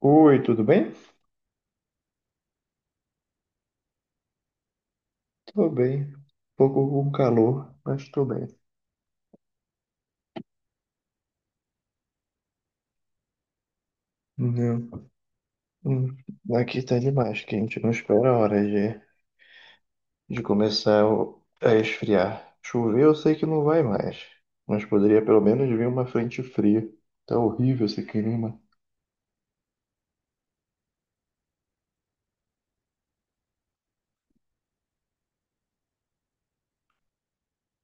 Oi, tudo bem? Tô bem. Pouco com calor, mas tô bem. Não. Hum, Aqui tá demais, quente. Não espera a hora de começar a esfriar. Chover eu sei que não vai mais, mas poderia pelo menos vir uma frente fria. Tá horrível esse clima.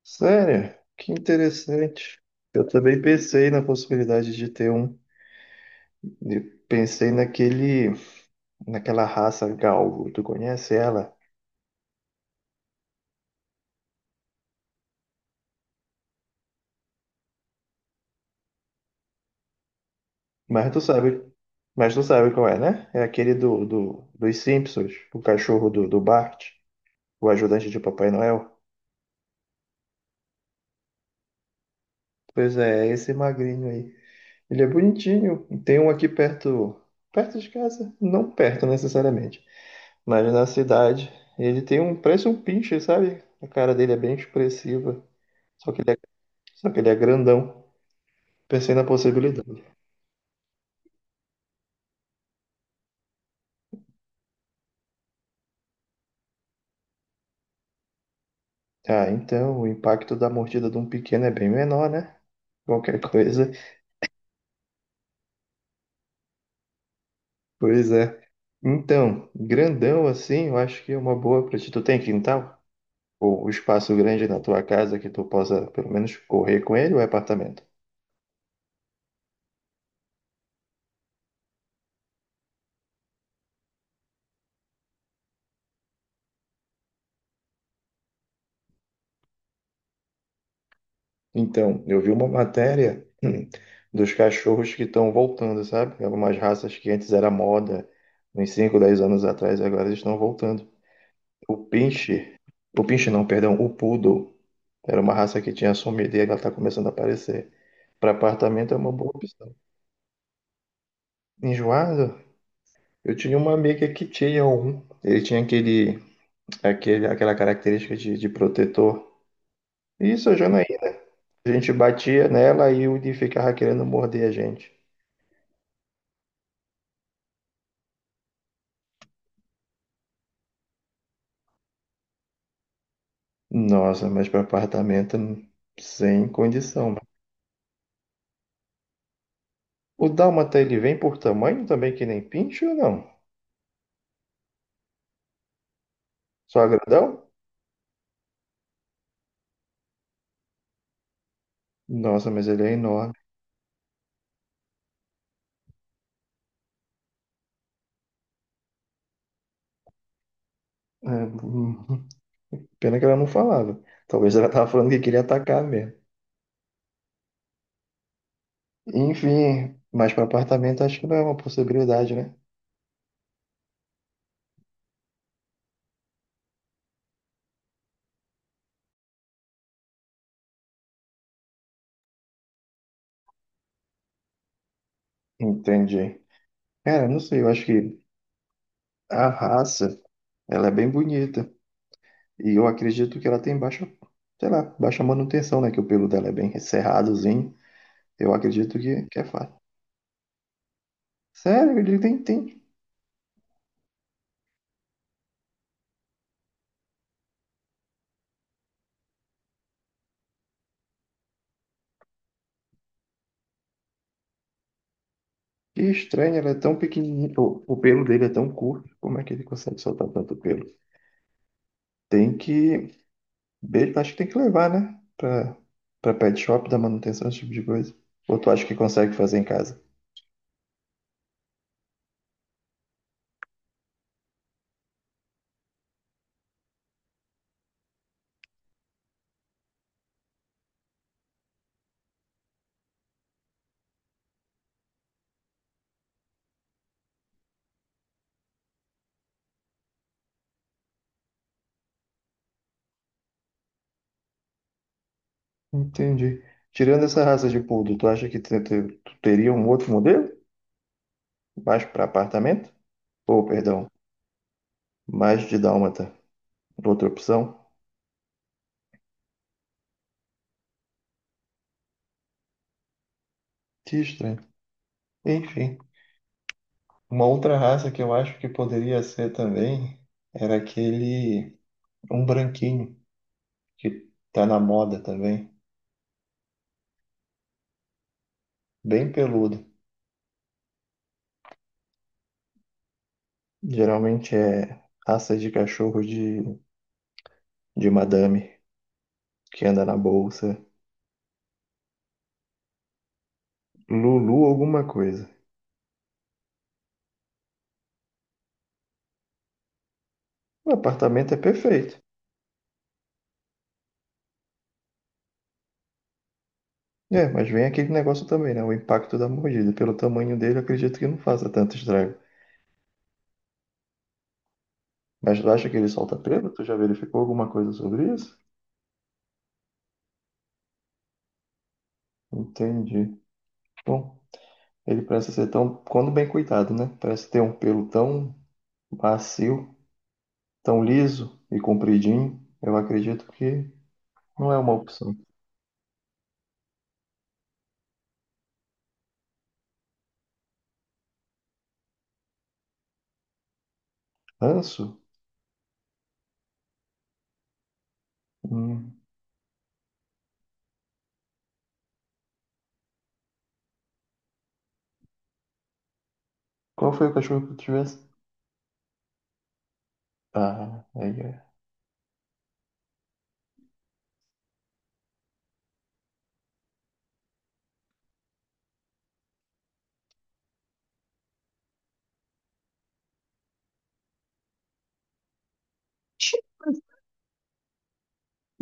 Sério? Que interessante. Eu também pensei na possibilidade de ter um. E pensei naquele, naquela raça galvo. Tu conhece ela? Mas tu sabe, mas tu sabe qual é, né? É aquele dos Simpsons, o cachorro do Bart, o ajudante de Papai Noel. Pois é, é esse magrinho aí. Ele é bonitinho. Tem um aqui perto, perto de casa, não perto necessariamente, mas na cidade. Ele tem um, parece um pinche, sabe? A cara dele é bem expressiva, só que ele é, só que ele é grandão. Pensei na possibilidade. Ah, então o impacto da mordida de um pequeno é bem menor, né? Qualquer coisa. Pois é. Então, grandão assim, eu acho que é uma boa pra ti. Tu tem quintal? Ou um espaço grande na tua casa que tu possa pelo menos correr com ele ou é apartamento? Então, eu vi uma matéria dos cachorros que estão voltando, sabe? Algumas raças que antes era moda, uns 5 10 anos atrás, agora eles estão voltando. O pinche, o pinche não, perdão, o poodle, era uma raça que tinha sumido e ela está começando a aparecer. Para apartamento é uma boa opção. Enjoado? Eu tinha uma amiga que tinha um. Ele tinha aquela característica de protetor. Isso, a Janaína. A gente batia nela e o Udi ficava querendo morder a gente. Nossa, mas para apartamento, sem condição, mano. O Dálmata, ele vem por tamanho também, que nem pinche ou não? Só grandão? Nossa, mas ele é enorme. É, pena que ela não falava. Talvez ela tava falando que queria atacar mesmo. Enfim, mas para apartamento acho que não é uma possibilidade, né? Entendi. Cara, não sei, eu acho que a raça, ela é bem bonita. E eu acredito que ela tem baixa, sei lá, baixa manutenção, né? Que o pelo dela é bem cerradozinho. Eu acredito que é fácil. Sério, ele tem. Que estranho, ela é tão pequenininha. O pelo dele é tão curto. Como é que ele consegue soltar tanto pelo? Tem que. Acho que tem que levar, né? Pra pet shop, dar manutenção, esse tipo de coisa. Ou tu acha que consegue fazer em casa? Entendi. Tirando essa raça de poodle, tu acha que tu teria um outro modelo? Mais para apartamento? Ou, perdão, mais de dálmata. Outra opção? Que estranho. Enfim, uma outra raça que eu acho que poderia ser também era aquele, um branquinho, que tá na moda também, bem peludo. Geralmente é raça de cachorro de madame, que anda na bolsa. Lulu alguma coisa. O apartamento é perfeito. É, mas vem aquele negócio também, né? O impacto da mordida. Pelo tamanho dele, eu acredito que não faça tanto estrago. Mas tu acha que ele solta pelo? Tu já verificou alguma coisa sobre isso? Entendi. Bom, ele parece ser tão, quando bem cuidado, né? Parece ter um pelo tão macio, tão liso e compridinho. Eu acredito que não é uma opção. Ranço? Hum. Qual foi o cachorro que tu tivesse? Ah, aí é.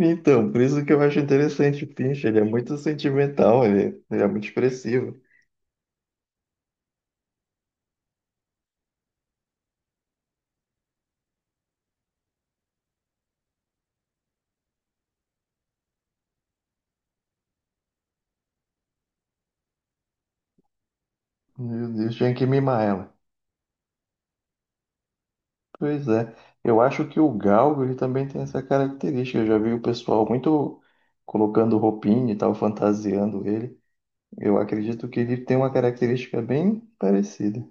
Então, por isso que eu acho interessante o Pinch. Ele é muito sentimental, ele é muito expressivo. Meu Deus, tinha que mimar ela. Pois é, eu acho que o galgo ele também tem essa característica. Eu já vi o pessoal muito colocando roupinha e tal, fantasiando ele. Eu acredito que ele tem uma característica bem parecida.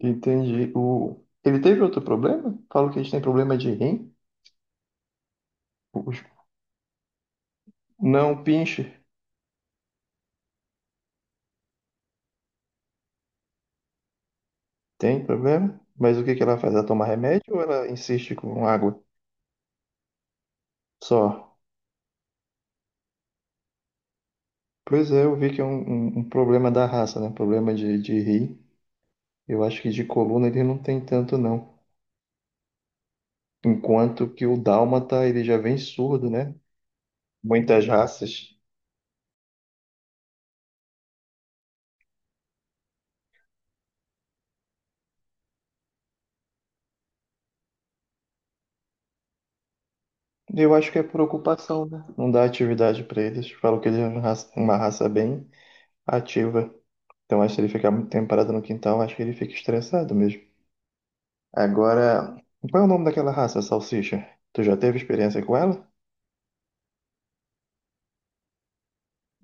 Entendi. O... Ele teve outro problema? Falo que a gente tem problema de rim. Os- não, pinche. Tem problema? Mas o que que ela faz? Ela toma remédio ou ela insiste com água? Só. Pois é, eu vi que é um, um problema da raça, né? Problema de rim. Eu acho que de coluna ele não tem tanto, não. Enquanto que o dálmata, ele já vem surdo, né? Muitas raças. Eu acho que é por ocupação, né? Não dá atividade para eles. Falam que ele é uma raça bem ativa. Então, acho que ele ficar muito tempo parado no quintal, acho que ele fica estressado mesmo. Agora, qual é o nome daquela raça, salsicha? Tu já teve experiência com ela?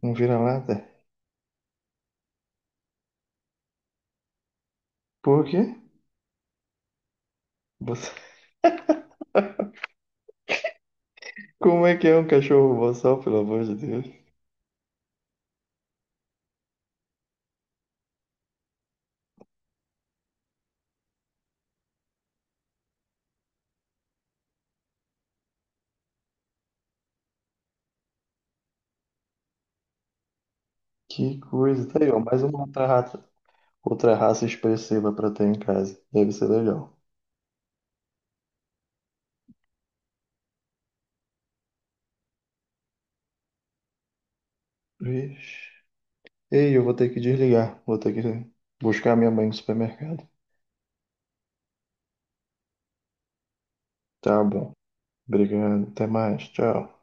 Um vira-lata? Por quê? Você... Como é que é um cachorro boçal, pelo amor de Deus? Que coisa. Tá aí, ó, mais uma outra raça expressiva pra ter em casa. Deve ser legal. Vixe. Ei, eu vou ter que desligar. Vou ter que buscar minha mãe no supermercado. Tá bom. Obrigado. Até mais. Tchau.